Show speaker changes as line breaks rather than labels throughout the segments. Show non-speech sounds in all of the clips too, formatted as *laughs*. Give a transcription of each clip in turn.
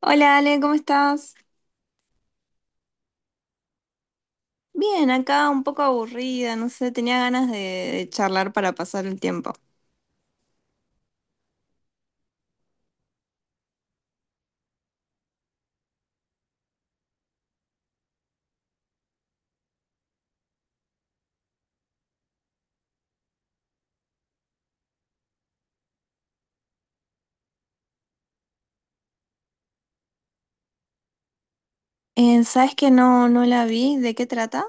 Hola Ale, ¿cómo estás? Bien, acá un poco aburrida, no sé, tenía ganas de charlar para pasar el tiempo. ¿Sabes que no la vi? ¿De qué trata?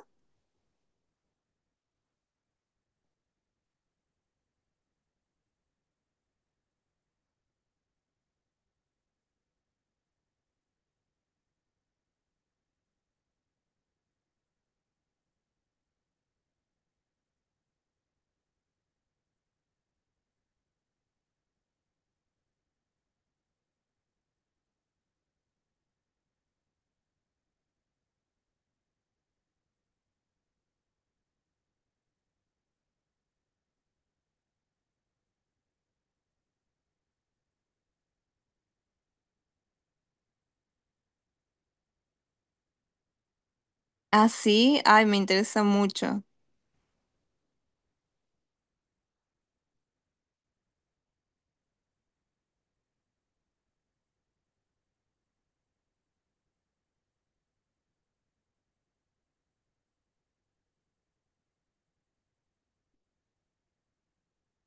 Ah, sí, ay, me interesa mucho.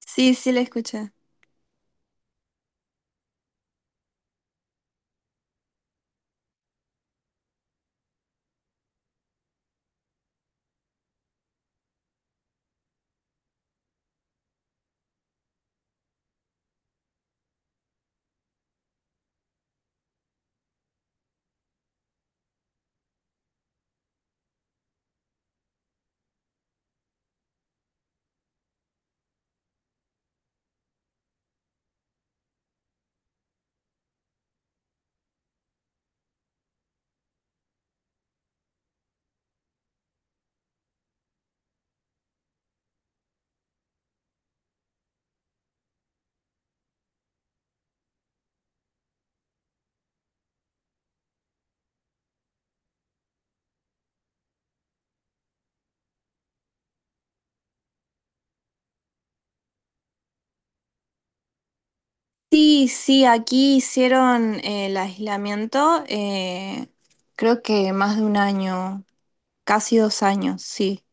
Sí, sí, la escuché. Sí, sí, aquí hicieron el aislamiento, creo que más de un año, casi dos años, sí.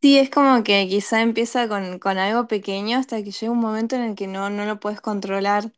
Sí, es como que quizá empieza con algo pequeño hasta que llega un momento en el que no lo puedes controlar.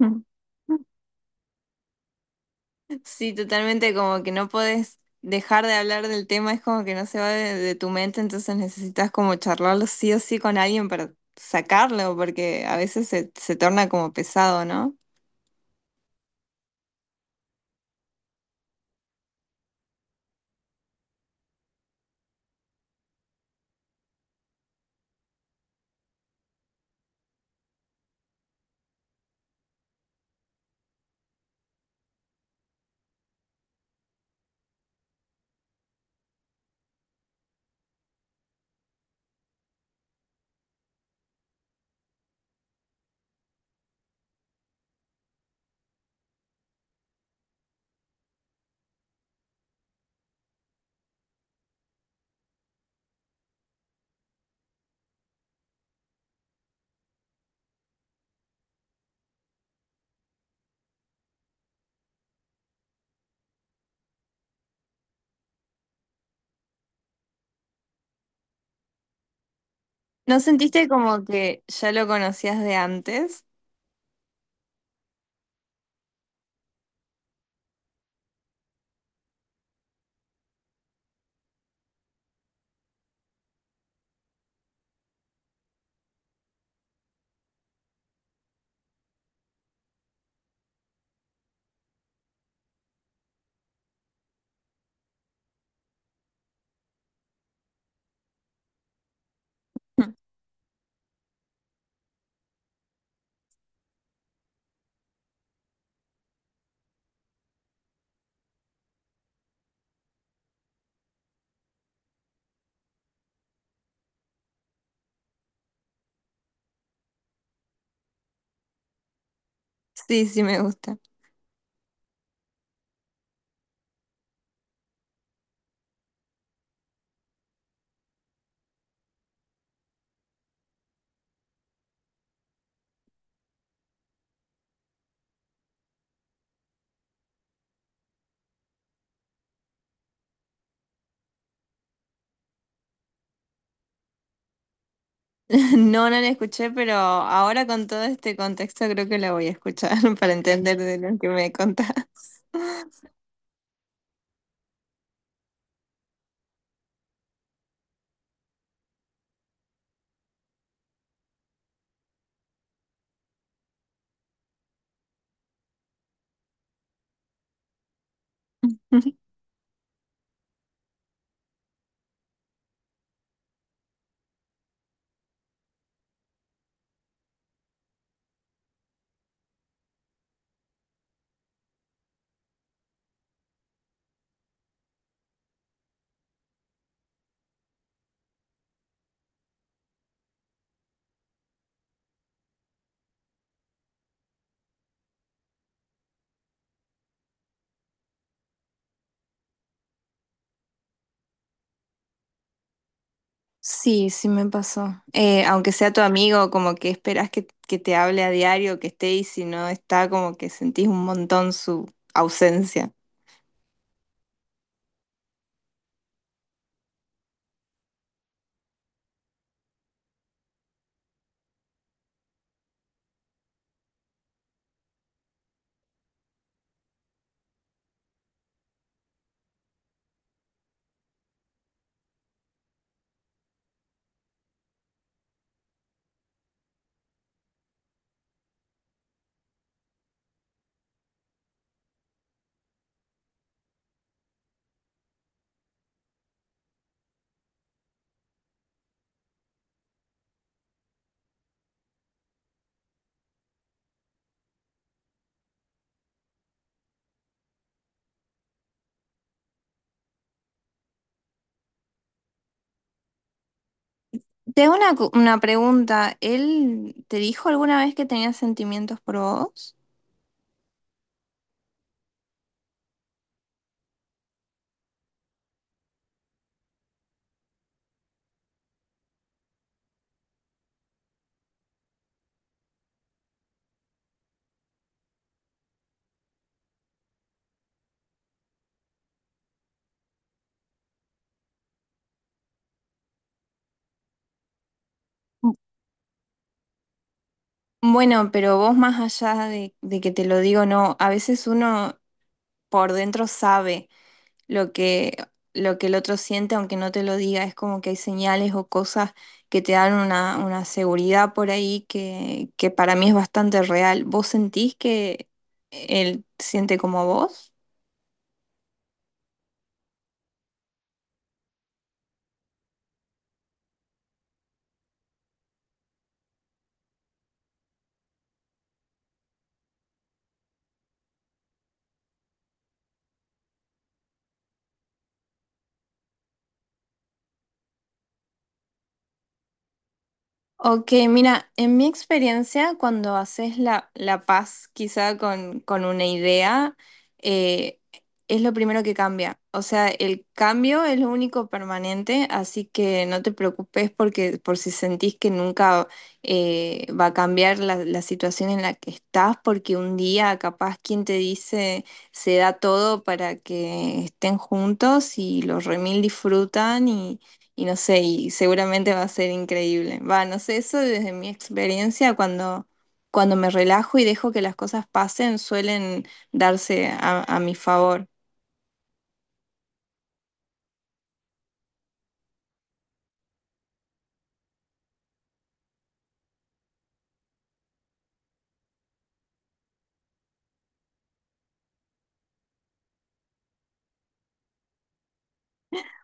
*laughs* Sí, totalmente, como que no podés dejar de hablar del tema, es como que no se va de tu mente, entonces necesitas como charlarlo sí o sí con alguien para sacarlo, porque a veces se torna como pesado, ¿no? ¿No sentiste como que ya lo conocías de antes? Sí, sí me gusta. *laughs* No, no la escuché, pero ahora con todo este contexto creo que la voy a escuchar *laughs* para entender de lo que me contás. *laughs* Sí, sí me pasó. Aunque sea tu amigo, como que esperas que te hable a diario, que esté y si no está, como que sentís un montón su ausencia. Te hago una, una pregunta. ¿Él te dijo alguna vez que tenía sentimientos por vos? Bu- Bueno, pero vos más allá de que te lo digo, no, a veces uno por dentro sabe. Lo lo que el otro siente, aunque no te lo diga, es como que hay señales o cosas que te dan una seguridad por ahí que para mí es bastante real. ¿Vos sentís que él siente como vos? Ok, mira, en mi experiencia, cuando haces la paz quizá con una idea, eh, es lo primero que cambia. O sea, el cambio es lo único permanente, así que no te preocupes porque por si sentís que nunca va a cambiar la situación en la que estás, porque un día capaz quien te dice se da todo para que estén juntos y los remil disfrutan y no sé, y seguramente va a ser increíble. Va, no sé, eso desde mi experiencia, cuando, cuando me relajo y dejo que las cosas pasen, suelen darse a mi favor.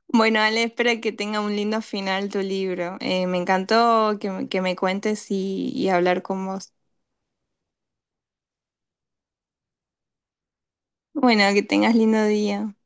Bueno, Ale, espero que tenga un lindo final tu libro. Me encantó que me cuentes y hablar con vos. Bueno, que tengas lindo día.